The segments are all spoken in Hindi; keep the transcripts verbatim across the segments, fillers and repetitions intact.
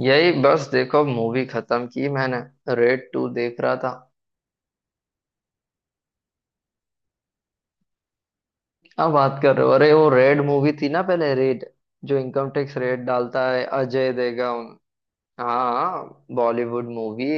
यही बस देखो मूवी खत्म की मैंने। रेड टू देख रहा था। अब बात कर रहे हो? अरे वो रेड मूवी थी ना, पहले रेड, जो इनकम टैक्स रेड डालता है, अजय देवगन। हाँ, बॉलीवुड मूवी।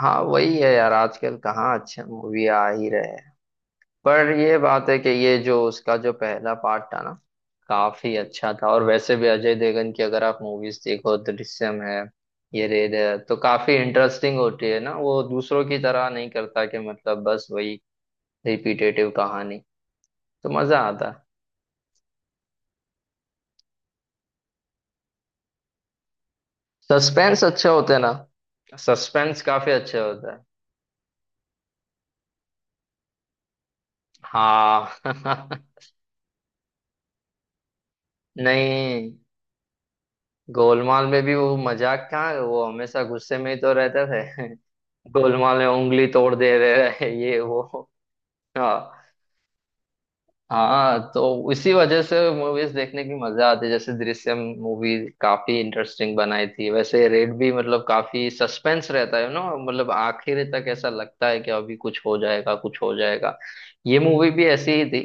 हाँ वही है यार, आजकल कहाँ अच्छे मूवी आ ही रहे। पर ये बात है कि ये जो उसका जो पहला पार्ट था ना, काफी अच्छा था। और वैसे भी अजय देवगन की अगर आप मूवीज देखो, दृश्यम है, ये रेड है, तो काफी इंटरेस्टिंग होती है ना। वो दूसरों की तरह नहीं करता कि मतलब बस वही रिपीटेटिव कहानी। तो मजा आता है। सस्पेंस अच्छा होता है ना। सस्पेंस काफी अच्छा होता है। हाँ। नहीं, गोलमाल में भी वो मजाक कहाँ, वो हमेशा गुस्से में ही तो रहते थे। गोलमाल में उंगली तोड़ दे रहे हैं, ये वो। हाँ। हाँ तो इसी वजह से मूवीज देखने की मजा आती है। जैसे दृश्यम मूवी काफी इंटरेस्टिंग बनाई थी। वैसे रेड भी, मतलब काफी सस्पेंस रहता है ना, मतलब आखिर तक ऐसा लगता है कि अभी कुछ हो जाएगा, कुछ हो जाएगा। ये मूवी भी ऐसी ही थी,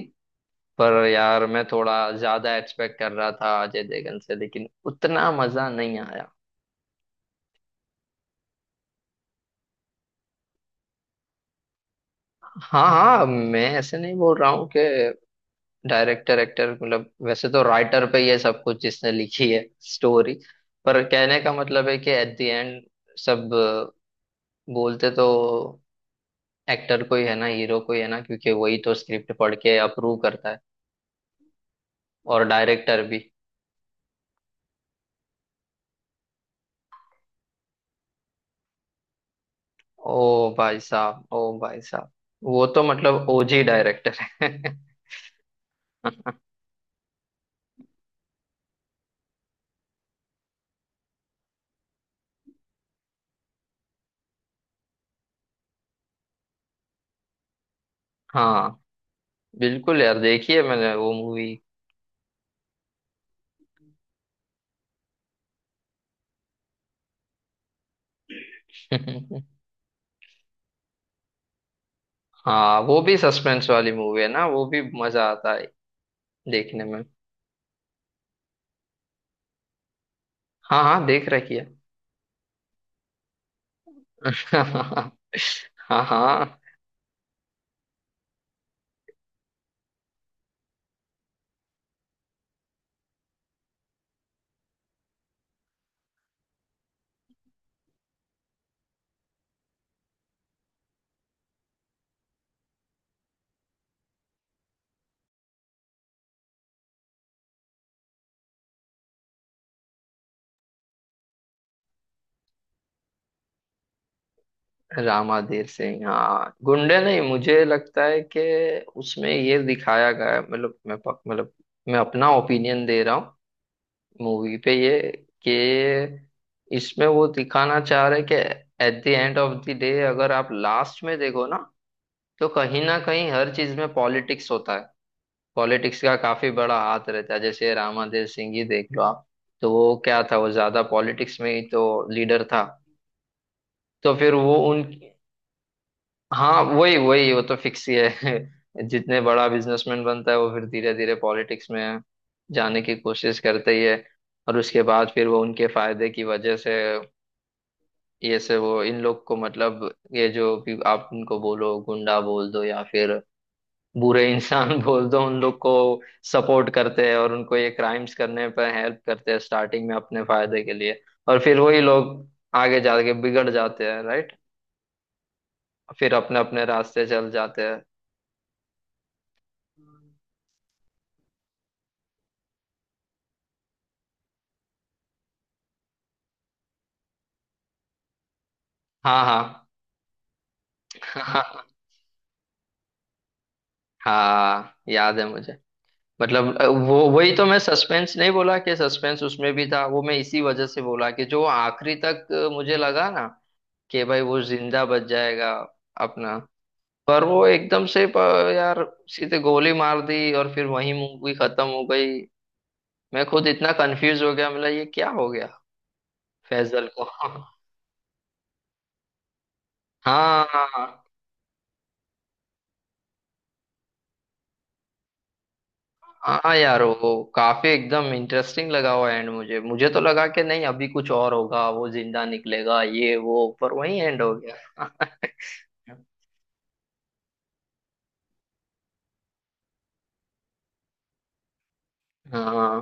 पर यार मैं थोड़ा ज्यादा एक्सपेक्ट कर रहा था अजय देवगन से, लेकिन उतना मजा नहीं आया। हाँ हाँ, मैं ऐसे नहीं बोल रहा हूँ कि डायरेक्टर, एक्टर, मतलब वैसे तो राइटर पे ये सब कुछ, जिसने लिखी है स्टोरी। पर कहने का मतलब है कि एट द एंड, सब बोलते तो एक्टर को ही है ना, हीरो को ही है ना, क्योंकि वही तो स्क्रिप्ट पढ़ के अप्रूव करता है। और डायरेक्टर भी। ओ भाई साहब, ओ भाई साहब, वो तो मतलब ओजी डायरेक्टर है। हाँ बिल्कुल यार, देखी है मैंने वो मूवी। हाँ वो भी सस्पेंस वाली मूवी है ना, वो भी मजा आता है देखने में। हाँ हाँ, देख रखी है। हाँ हाँ। रामाधीर सिंह, हाँ गुंडे नहीं, मुझे लगता है कि उसमें ये दिखाया गया है, मतलब मैं पक- मतलब मैं अपना ओपिनियन दे रहा हूँ मूवी पे ये, कि इसमें वो दिखाना चाह रहे कि at the end of the day, अगर आप लास्ट में देखो ना, तो कहीं ना कहीं हर चीज में पॉलिटिक्स होता है। पॉलिटिक्स का काफी बड़ा हाथ रहता है, जैसे रामादेव सिंह ही देख लो आप। तो वो क्या था, वो ज्यादा पॉलिटिक्स में ही तो लीडर था। तो फिर वो उन, हाँ वही वही, वो तो फिक्स ही है। जितने बड़ा बिजनेसमैन बनता है, वो फिर धीरे धीरे पॉलिटिक्स में जाने की कोशिश करते ही है। और उसके बाद फिर वो उनके फायदे की वजह से, ये से वो इन लोग को, मतलब ये जो भी आप उनको बोलो, गुंडा बोल दो या फिर बुरे इंसान बोल दो, उन लोग को सपोर्ट करते हैं और उनको ये क्राइम्स करने पर हेल्प करते हैं, स्टार्टिंग में अपने फायदे के लिए। और फिर वही लोग आगे जाके बिगड़ जाते हैं, राइट। फिर अपने अपने रास्ते चल जाते हैं। हाँ हाँ। हाँ याद है मुझे। मतलब अ, वो वही तो, मैं सस्पेंस नहीं बोला कि सस्पेंस उसमें भी था, वो मैं इसी वजह से बोला कि जो आखिरी तक अ, मुझे लगा ना कि भाई वो जिंदा बच जाएगा अपना। पर वो एकदम से प- यार सीधे गोली मार दी और फिर वही मूवी खत्म हो गई। मैं खुद इतना कंफ्यूज हो गया, मतलब ये क्या हो गया फैजल को। हाँ हाँ। हाँ यार, वो काफी एकदम इंटरेस्टिंग लगा हुआ एंड। मुझे, मुझे तो लगा कि नहीं अभी कुछ और होगा, वो जिंदा निकलेगा ये वो, पर वही एंड हो गया। हाँ।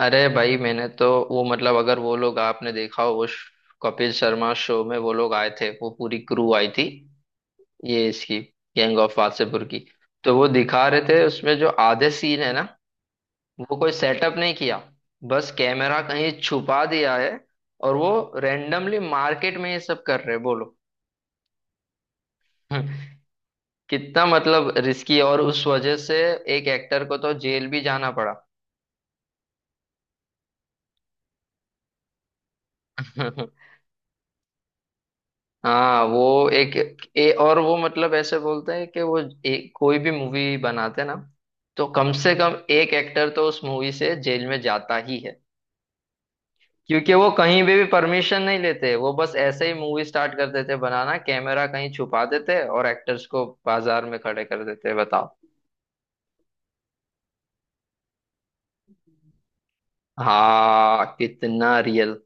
अरे भाई मैंने तो वो, मतलब अगर वो लोग, आपने देखा हो उस कपिल शर्मा शो में, वो लोग आए थे, वो पूरी क्रू आई थी, ये इसकी गैंग ऑफ वासेपुर की। तो वो दिखा रहे थे उसमें, जो आधे सीन है ना, वो कोई सेटअप नहीं किया, बस कैमरा कहीं छुपा दिया है और वो रेंडमली मार्केट में ये सब कर रहे हैं, बोलो। कितना मतलब रिस्की। और उस वजह से एक एक्टर को तो जेल भी जाना पड़ा। हाँ वो एक, ए, और वो मतलब ऐसे बोलते हैं कि वो एक, कोई भी मूवी बनाते ना, तो कम से कम एक एक्टर तो उस मूवी से जेल में जाता ही है। क्योंकि वो कहीं भी भी परमिशन नहीं लेते, वो बस ऐसे ही मूवी स्टार्ट कर देते बनाना, कैमरा कहीं छुपा देते और एक्टर्स को बाजार में खड़े कर देते, बताओ। हाँ कितना रियल।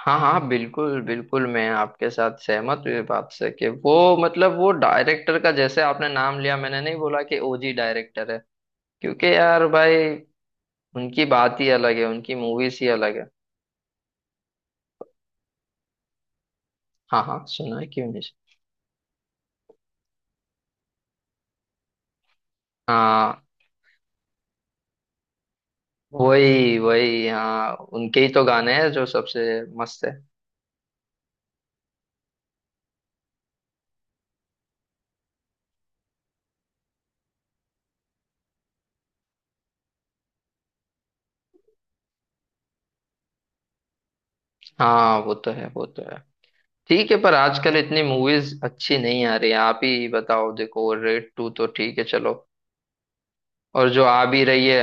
हाँ हाँ बिल्कुल बिल्कुल, मैं आपके साथ सहमत हुई बात से कि वो मतलब, वो डायरेक्टर का, जैसे आपने नाम लिया, मैंने नहीं बोला कि ओजी डायरेक्टर है। क्योंकि यार भाई, उनकी बात ही अलग है, उनकी मूवीज ही अलग है। हाँ हाँ सुना है, क्यों नहीं। हाँ वही वही, हाँ उनके ही तो गाने हैं जो सबसे मस्त है। हाँ वो तो है, वो तो है। ठीक है, पर आजकल इतनी मूवीज अच्छी नहीं आ रही है। आप ही बताओ, देखो रेड टू तो ठीक है चलो, और जो आ भी रही है,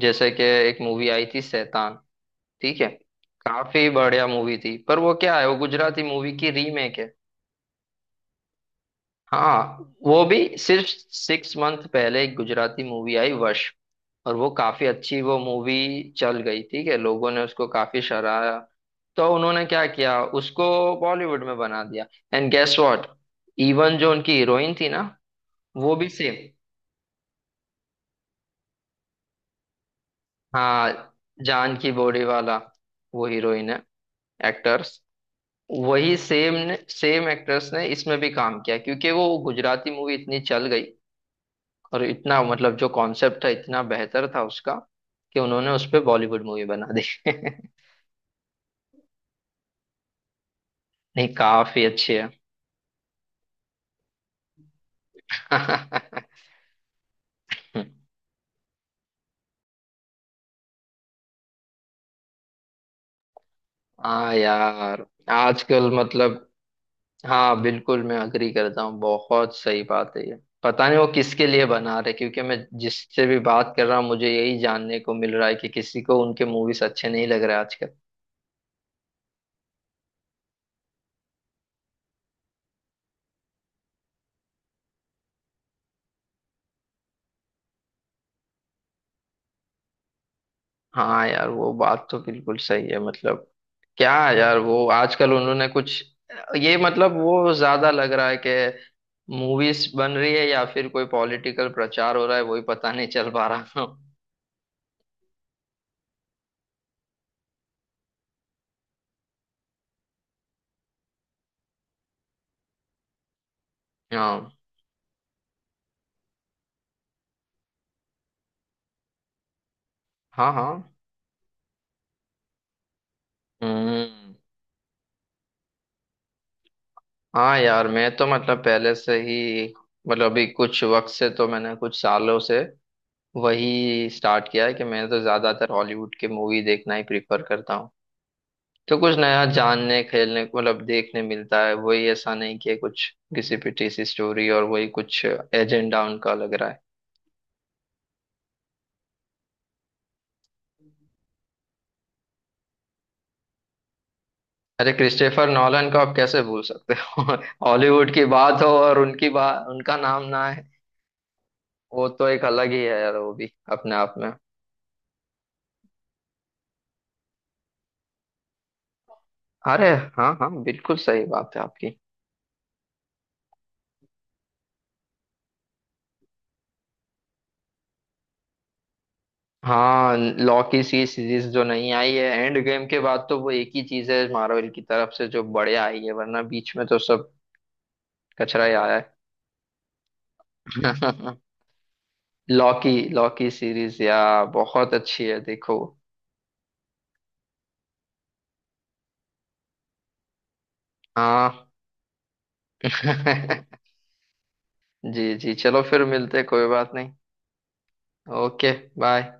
जैसे कि एक मूवी आई थी शैतान, ठीक है, काफी बढ़िया मूवी थी, पर वो क्या है, वो गुजराती मूवी की रीमेक है। हाँ, वो भी सिर्फ सिक्स मंथ पहले एक गुजराती मूवी आई वश, और वो काफी अच्छी, वो मूवी चल गई, ठीक है, लोगों ने उसको काफी सराहा। तो उन्होंने क्या किया, उसको बॉलीवुड में बना दिया। एंड गेस व्हाट, इवन जो उनकी हीरोइन थी ना, वो भी सेम। हाँ, जानकी बोरीवाला, वो हीरोइन है, एक्टर्स, वही सेम ने, सेम एक्टर्स ने इसमें भी काम किया, क्योंकि वो गुजराती मूवी इतनी चल गई और इतना मतलब जो कॉन्सेप्ट था, इतना बेहतर था उसका, कि उन्होंने उस पे बॉलीवुड मूवी बना दी। नहीं काफी अच्छी है। हाँ यार, आजकल मतलब, हाँ बिल्कुल, मैं अग्री करता हूँ, बहुत सही बात है ये। पता नहीं वो किसके लिए बना रहे, क्योंकि मैं जिससे भी बात कर रहा हूँ, मुझे यही जानने को मिल रहा है कि किसी को उनके मूवीज अच्छे नहीं लग रहे आजकल। हाँ यार, वो बात तो बिल्कुल सही है। मतलब क्या है यार, वो आजकल उन्होंने कुछ, ये मतलब वो ज्यादा लग रहा है कि मूवीज बन रही है या फिर कोई पॉलिटिकल प्रचार हो रहा है, वही पता नहीं चल पा रहा। हाँ हाँ। हाँ। हम्म। हाँ यार मैं तो मतलब पहले से ही, मतलब अभी कुछ वक्त से, तो मैंने कुछ सालों से वही स्टार्ट किया है कि मैं तो ज्यादातर हॉलीवुड की मूवी देखना ही प्रिफर करता हूँ। तो कुछ नया जानने, खेलने को, मतलब देखने मिलता है वही। ऐसा नहीं कि कुछ किसी पिटी सी स्टोरी और वही कुछ एजेंडा उनका लग रहा है। अरे क्रिस्टोफर नॉलन को आप कैसे भूल सकते हो? हॉलीवुड की बात हो और उनकी बात, उनका नाम ना है। वो तो एक अलग ही है यार, वो भी अपने आप में। अरे हाँ हाँ, बिल्कुल सही बात है आपकी। हाँ, लॉ की सी सीरीज जो नहीं आई है एंड गेम के बाद, तो वो एक ही चीज है मार्वल की तरफ से जो बढ़िया आई है, वरना बीच में तो सब कचरा ही आया है। लॉ की, लॉ की सीरीज या, बहुत अच्छी है, देखो। हाँ। जी जी, चलो फिर मिलते हैं, कोई बात नहीं। Okay bye.